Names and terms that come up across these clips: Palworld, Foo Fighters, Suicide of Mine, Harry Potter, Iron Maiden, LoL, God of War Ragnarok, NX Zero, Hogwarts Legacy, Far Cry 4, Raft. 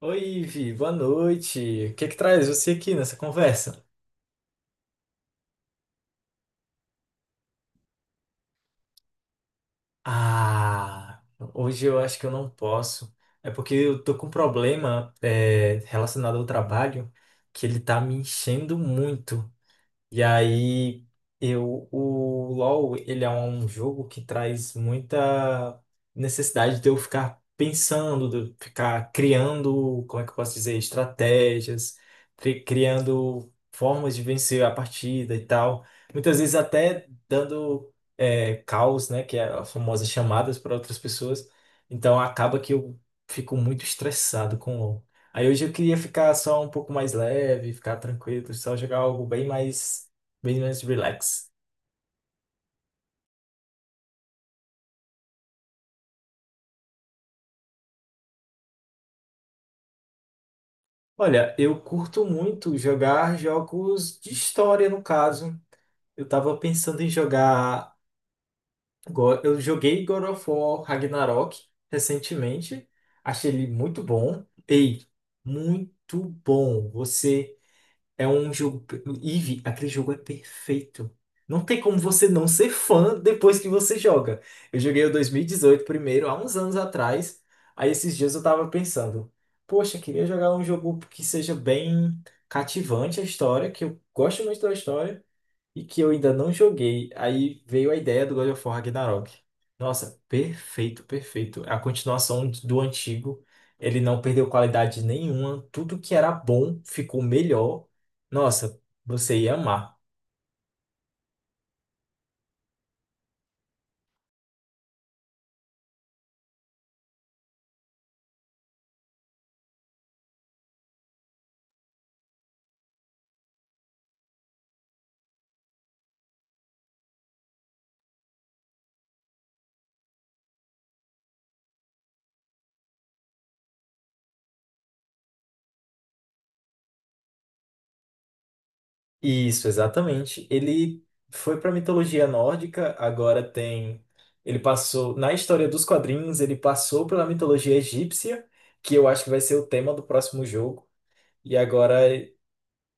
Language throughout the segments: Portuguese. Oi, Vi, boa noite. O que que traz você aqui nessa conversa? Ah, hoje eu acho que eu não posso. É porque eu tô com um problema relacionado ao trabalho que ele tá me enchendo muito. E aí, eu, o LoL, ele é um jogo que traz muita necessidade de eu ficar pensando, de eu ficar criando, como é que eu posso dizer, estratégias, criando formas de vencer a partida e tal. Muitas vezes até dando calls, né, que é as famosas chamadas para outras pessoas. Então, acaba que eu fico muito estressado com o LoL. Aí hoje eu queria ficar só um pouco mais leve, ficar tranquilo, só jogar algo bem mais relax. Olha, eu curto muito jogar jogos de história, no caso. Eu tava pensando em jogar. Eu joguei God of War Ragnarok recentemente. Achei ele muito bom. Ei, muito bom. Você. É um jogo. Eve, aquele jogo é perfeito. Não tem como você não ser fã depois que você joga. Eu joguei o 2018 primeiro, há uns anos atrás. Aí esses dias eu tava pensando, poxa, queria jogar um jogo que seja bem cativante a história, que eu gosto muito da história, e que eu ainda não joguei. Aí veio a ideia do God of War Ragnarok. Nossa, perfeito, perfeito. É a continuação do antigo. Ele não perdeu qualidade nenhuma. Tudo que era bom ficou melhor. Nossa, você ia amar. Isso, exatamente. Ele foi para mitologia nórdica, agora tem. Ele passou. Na história dos quadrinhos, ele passou pela mitologia egípcia, que eu acho que vai ser o tema do próximo jogo. E agora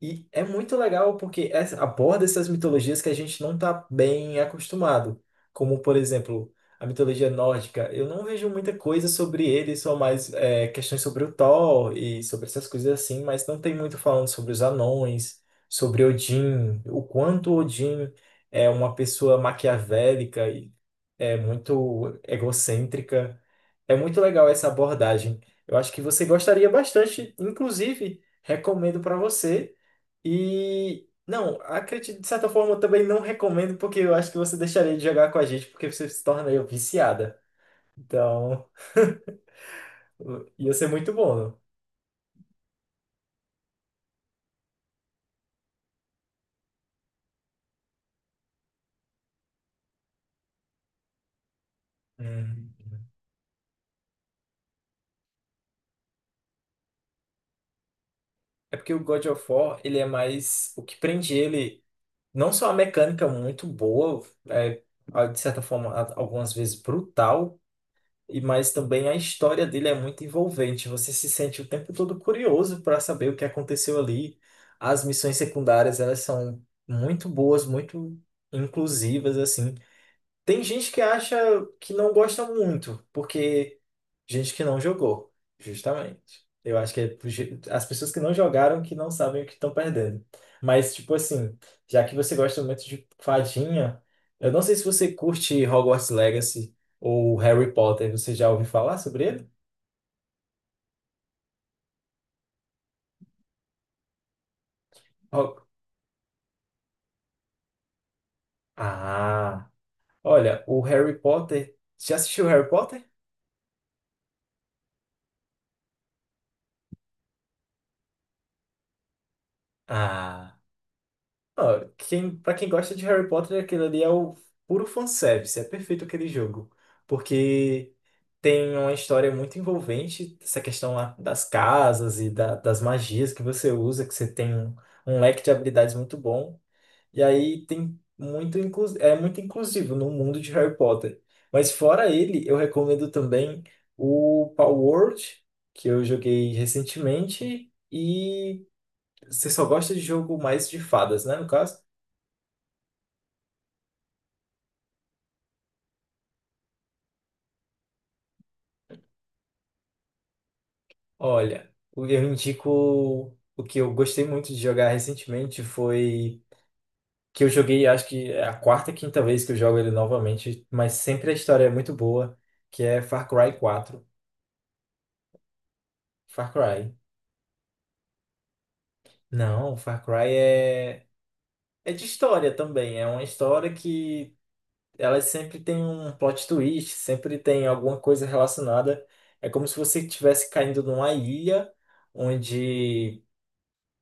E é muito legal porque aborda essas mitologias que a gente não está bem acostumado. Como, por exemplo, a mitologia nórdica. Eu não vejo muita coisa sobre ele, só mais questões sobre o Thor e sobre essas coisas assim, mas não tem muito falando sobre os anões, sobre Odin, o quanto Odin é uma pessoa maquiavélica e é muito egocêntrica. É muito legal essa abordagem. Eu acho que você gostaria bastante, inclusive, recomendo para você. E não, acredito, de certa forma, eu também não recomendo, porque eu acho que você deixaria de jogar com a gente, porque você se tornaria viciada. Então, ia ser muito bom. Hum. É porque o God of War, ele é mais. O que prende ele, não só a mecânica muito boa, é, de certa forma, algumas vezes brutal. E mas também a história dele é muito envolvente. Você se sente o tempo todo curioso para saber o que aconteceu ali. As missões secundárias, elas são muito boas, muito inclusivas assim. Tem gente que acha que não gosta muito, porque gente que não jogou, justamente. Eu acho que é as pessoas que não jogaram que não sabem o que estão perdendo. Mas, tipo assim, já que você gosta muito de fadinha, eu não sei se você curte Hogwarts Legacy ou Harry Potter. Você já ouviu falar sobre ele? Ho- Ah, olha, o Harry Potter. Já assistiu Harry Potter? Ah, ó, quem, para quem gosta de Harry Potter, aquilo ali é o puro fanservice, é perfeito aquele jogo. Porque. Tem uma história muito envolvente, essa questão lá das casas e das magias que você usa, que você tem um, um leque de habilidades muito bom. E aí tem muito é muito inclusivo no mundo de Harry Potter. Mas fora ele, eu recomendo também o Palworld, que eu joguei recentemente. E você só gosta de jogo mais de fadas, né, no caso? Olha, eu indico o que eu gostei muito de jogar recentemente foi que eu joguei, acho que é a 4ª, 5ª vez que eu jogo ele novamente, mas sempre a história é muito boa, que é Far Cry 4. Far Cry. Não, Far Cry é de história também, é uma história que ela sempre tem um plot twist, sempre tem alguma coisa relacionada. É como se você estivesse caindo numa ilha onde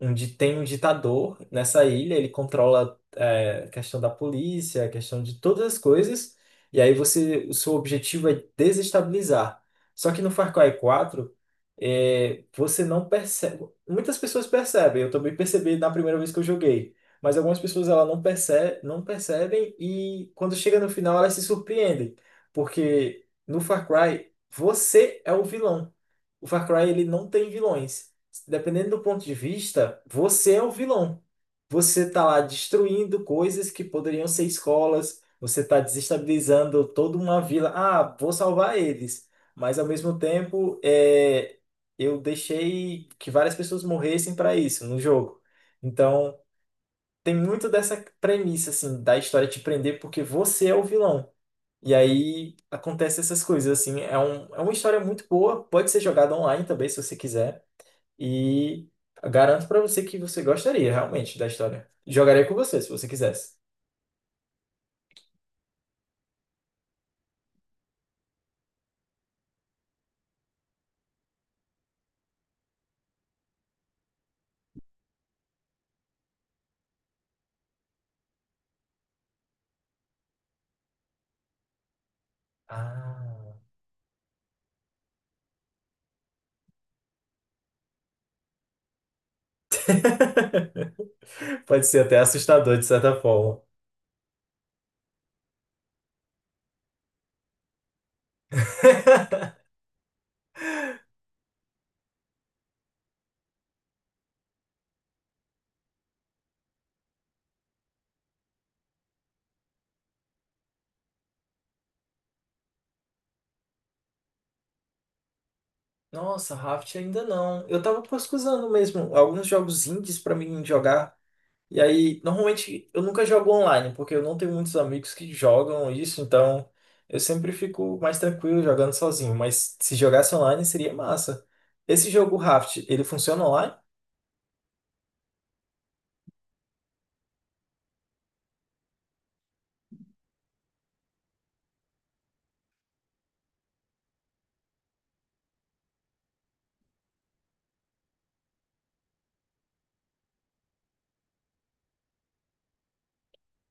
tem um ditador nessa ilha, ele controla a questão da polícia, a questão de todas as coisas, e aí você, o seu objetivo é desestabilizar. Só que no Far Cry 4, é, você não percebe. Muitas pessoas percebem, eu também percebi na primeira vez que eu joguei, mas algumas pessoas ela não percebe, não percebem e quando chega no final elas se surpreendem, porque no Far Cry você é o vilão. O Far Cry ele não tem vilões, dependendo do ponto de vista, você é o vilão. Você está lá destruindo coisas que poderiam ser escolas, você está desestabilizando toda uma vila. Ah, vou salvar eles, mas ao mesmo tempo eu deixei que várias pessoas morressem para isso no jogo. Então, tem muito dessa premissa assim da história te prender porque você é o vilão. E aí acontece essas coisas assim, é uma história muito boa, pode ser jogada online também se você quiser. E garanto pra você que você gostaria realmente da história. Jogaria com você, se você quisesse. Ah. Pode ser até assustador, de certa forma. Nossa, Raft ainda não. Eu tava pesquisando mesmo alguns jogos indies pra mim jogar. E aí, normalmente eu nunca jogo online, porque eu não tenho muitos amigos que jogam isso, então eu sempre fico mais tranquilo jogando sozinho. Mas se jogasse online seria massa. Esse jogo Raft, ele funciona online?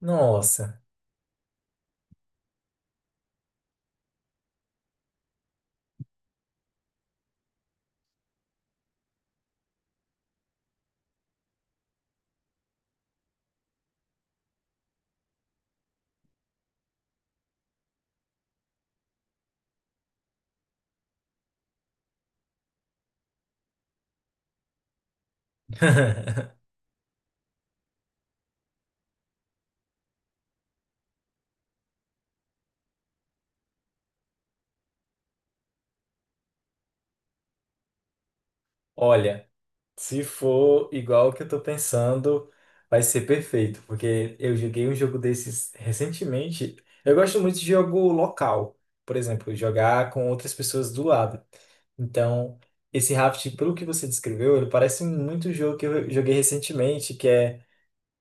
Nossa. Olha, se for igual o que eu tô pensando, vai ser perfeito, porque eu joguei um jogo desses recentemente. Eu gosto muito de jogo local, por exemplo, jogar com outras pessoas do lado. Então, esse Raft, pelo que você descreveu, ele parece muito o jogo que eu joguei recentemente, que é,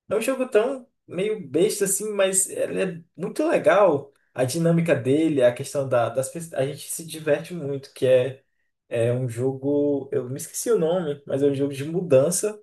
é um jogo tão meio besta assim, mas ele é muito legal. A dinâmica dele, a questão da, das pessoas, a gente se diverte muito, que é é um jogo, eu me esqueci o nome, mas é um jogo de mudança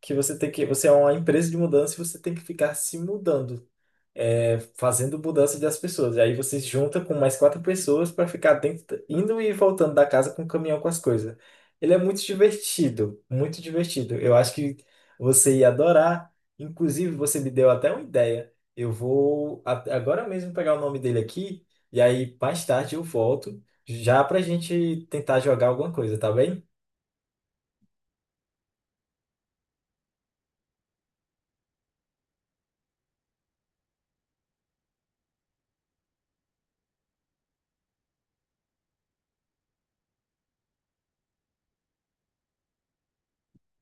que você tem que, você é uma empresa de mudança e você tem que ficar se mudando, é, fazendo mudança das pessoas. E aí você se junta com mais quatro pessoas para ficar dentro, indo e voltando da casa com o caminhão com as coisas. Ele é muito divertido, muito divertido. Eu acho que você ia adorar. Inclusive, você me deu até uma ideia. Eu vou agora mesmo pegar o nome dele aqui e aí mais tarde eu volto já pra gente tentar jogar alguma coisa, tá bem?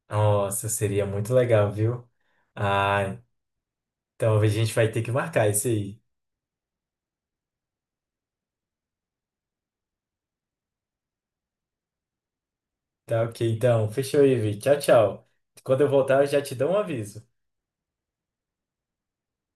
Nossa, seria muito legal, viu? Ah, então a gente vai ter que marcar isso aí. Tá ok, então. Fechou, Ivi. Tchau, tchau. Quando eu voltar, eu já te dou um aviso.